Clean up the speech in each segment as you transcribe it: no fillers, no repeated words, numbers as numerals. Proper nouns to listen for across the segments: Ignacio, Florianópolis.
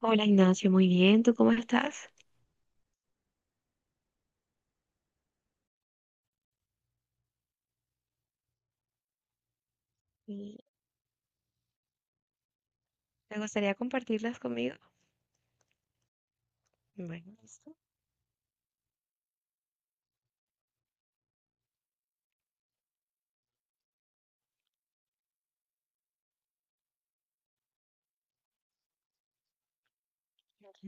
Hola Ignacio, muy bien, ¿tú cómo estás? Sí. ¿Te gustaría compartirlas conmigo? Bueno, listo. Ok,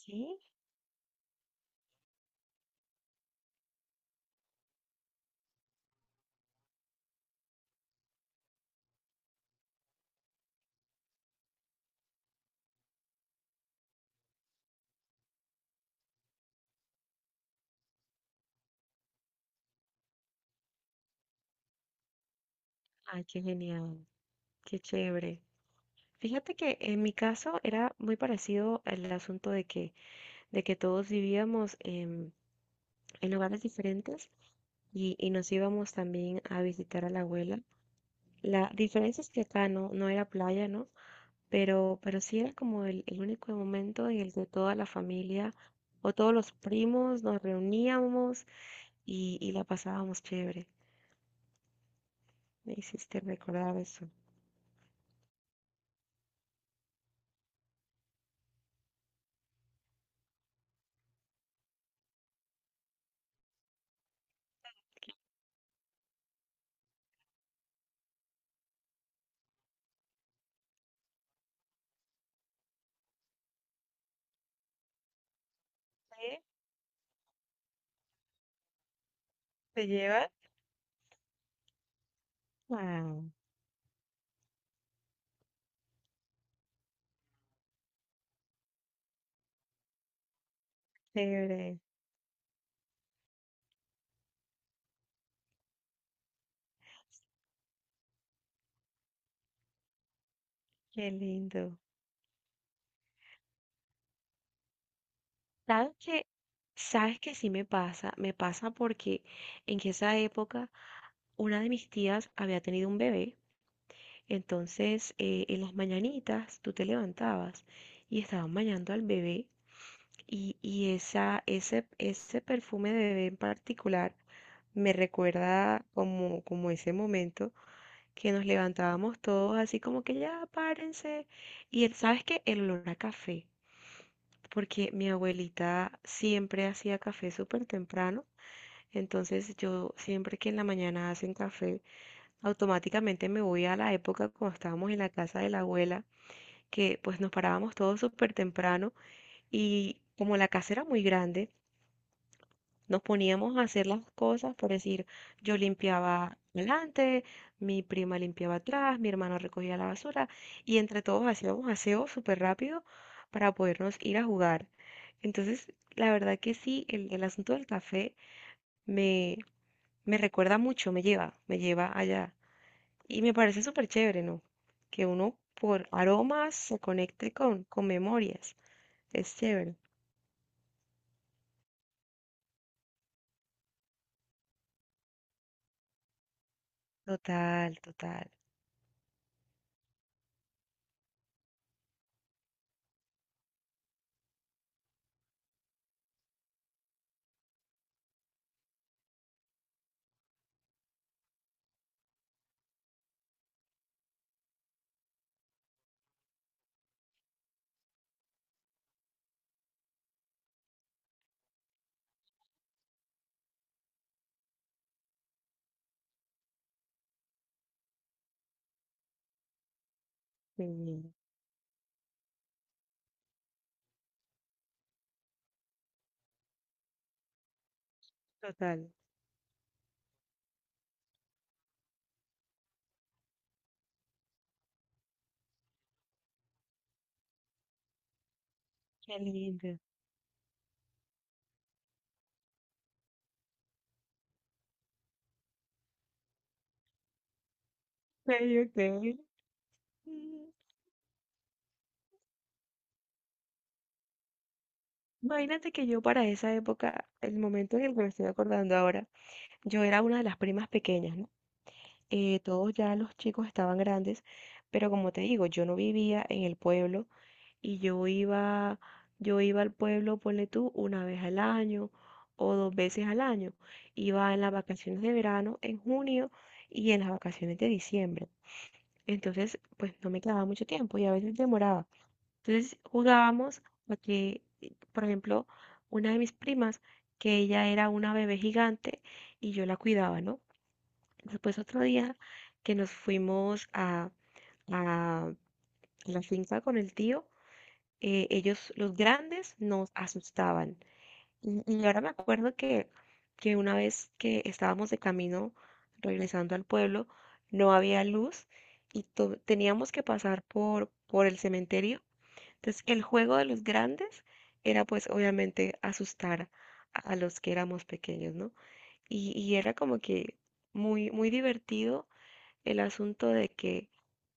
sí, ay, qué genial, qué chévere. Fíjate que en mi caso era muy parecido el asunto de que todos vivíamos en lugares diferentes y nos íbamos también a visitar a la abuela. La diferencia es que acá no era playa, ¿no? Pero sí era como el único momento en el que toda la familia o todos los primos nos reuníamos y la pasábamos chévere. Me hiciste recordar eso. ¿Sí? ¿Te llevas? Wow, chévere, qué lindo. ¿Sabes qué? ¿Sabes qué sí me pasa? Me pasa porque en que esa época una de mis tías había tenido un bebé. Entonces, en las mañanitas tú te levantabas y estaban bañando al bebé y ese perfume de bebé en particular me recuerda, como ese momento que nos levantábamos todos así como que ya párense. Y ¿sabes qué? El olor a café, porque mi abuelita siempre hacía café súper temprano. Entonces, yo siempre que en la mañana hacen café, automáticamente me voy a la época cuando estábamos en la casa de la abuela, que pues nos parábamos todos súper temprano y como la casa era muy grande, nos poníamos a hacer las cosas, por decir, yo limpiaba delante, mi prima limpiaba atrás, mi hermano recogía la basura y entre todos hacíamos aseo súper rápido para podernos ir a jugar. Entonces, la verdad que sí, el asunto del café me, me recuerda mucho, me lleva allá. Y me parece súper chévere, ¿no? Que uno por aromas se conecte con memorias. Es chévere. Total, total. Sí, total. Qué lindo. Okay, okay. Mm, Imagínate que yo para esa época, el momento en el que me estoy acordando ahora, yo era una de las primas pequeñas, ¿no? Todos ya los chicos estaban grandes, pero como te digo, yo no vivía en el pueblo y yo iba, al pueblo, ponle tú, una vez al año o dos veces al año. Iba en las vacaciones de verano, en junio y en las vacaciones de diciembre. Entonces, pues no me quedaba mucho tiempo y a veces demoraba. Entonces jugábamos a que, por ejemplo, una de mis primas, que ella era una bebé gigante y yo la cuidaba, ¿no? Después otro día que nos fuimos a la finca con el tío, ellos, los grandes, nos asustaban. Y ahora me acuerdo que una vez que estábamos de camino regresando al pueblo, no había luz y teníamos que pasar por el cementerio. Entonces, el juego de los grandes era pues obviamente asustar a los que éramos pequeños, ¿no? Y era como que muy, muy divertido el asunto de que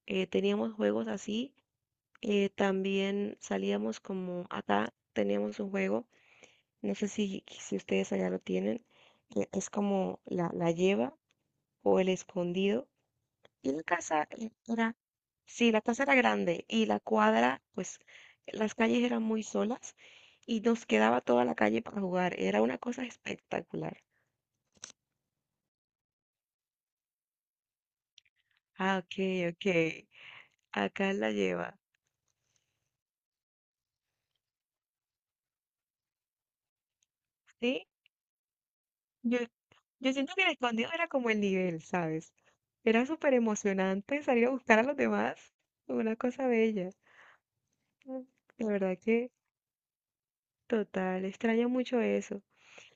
teníamos juegos así. También salíamos como acá teníamos un juego, no sé si ustedes allá lo tienen, que es como la lleva o el escondido, y la casa era, sí, la casa era grande y la cuadra, pues las calles eran muy solas y nos quedaba toda la calle para jugar. Era una cosa espectacular. Ah, ok, ok. Acá la lleva. Sí, yo, yo siento que el escondido era como el nivel, ¿sabes? Era súper emocionante salir a buscar a los demás. Una cosa bella. Mm, La verdad que total, extraño mucho eso.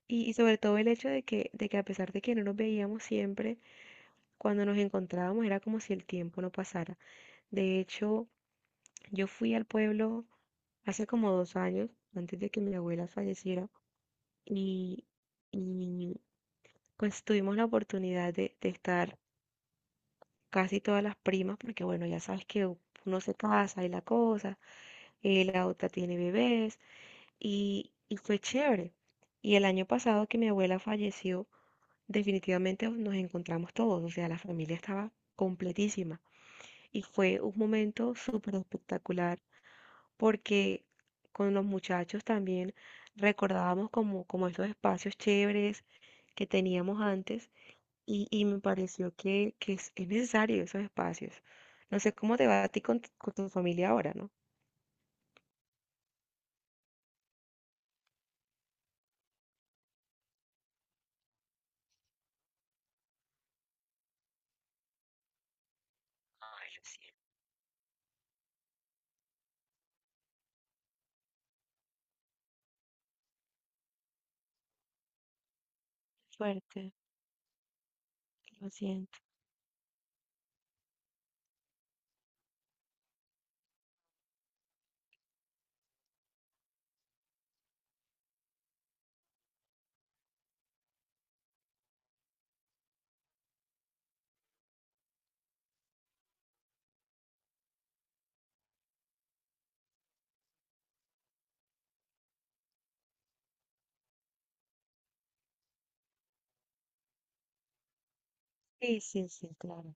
Y sobre todo el hecho de que, a pesar de que no nos veíamos siempre, cuando nos encontrábamos era como si el tiempo no pasara. De hecho, yo fui al pueblo hace como 2 años, antes de que mi abuela falleciera, y, y pues tuvimos la oportunidad de estar casi todas las primas, porque bueno, ya sabes que uno se casa y la cosa, la otra tiene bebés, y fue chévere. Y el año pasado que mi abuela falleció, definitivamente nos encontramos todos, o sea, la familia estaba completísima. Y fue un momento súper espectacular porque con los muchachos también recordábamos, como estos espacios chéveres que teníamos antes y me pareció que es, necesario esos espacios. No sé cómo te va a ti con tu familia ahora, ¿no? Ay, lo siento. Fuerte, lo siento. Sí, sí, sí, claro.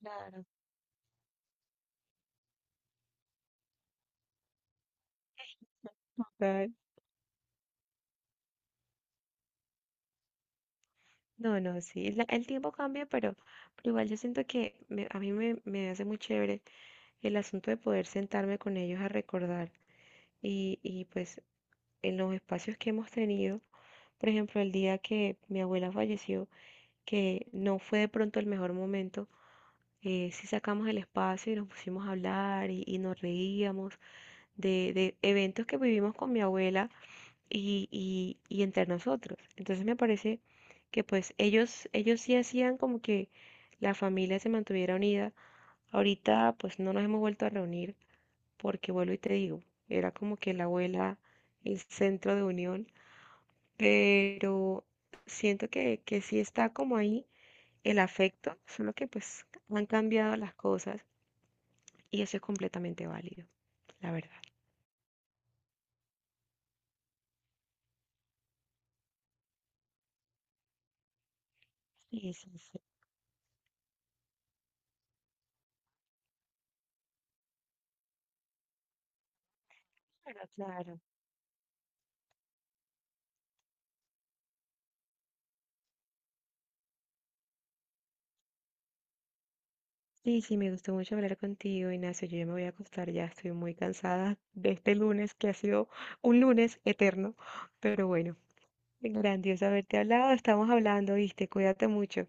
Claro. Total. No, no, sí, el tiempo cambia, pero igual yo siento que a mí me hace muy chévere el asunto de poder sentarme con ellos a recordar y pues en los espacios que hemos tenido, por ejemplo, el día que mi abuela falleció, que no fue de pronto el mejor momento, sí sacamos el espacio y nos pusimos a hablar y nos reíamos de eventos que vivimos con mi abuela y entre nosotros. Entonces me parece que pues ellos sí hacían como que la familia se mantuviera unida. Ahorita pues no nos hemos vuelto a reunir porque vuelvo y te digo, era como que la abuela, el centro de unión, pero siento que sí está como ahí el afecto, solo que pues han cambiado las cosas y eso es completamente válido, la verdad. Sí, sí, sí, claro, claro. Sí, sí, me gustó mucho hablar contigo, Ignacio. Yo ya me voy a acostar, ya estoy muy cansada de este lunes que ha sido un lunes eterno, pero bueno, grandioso haberte hablado, estamos hablando, viste, cuídate mucho.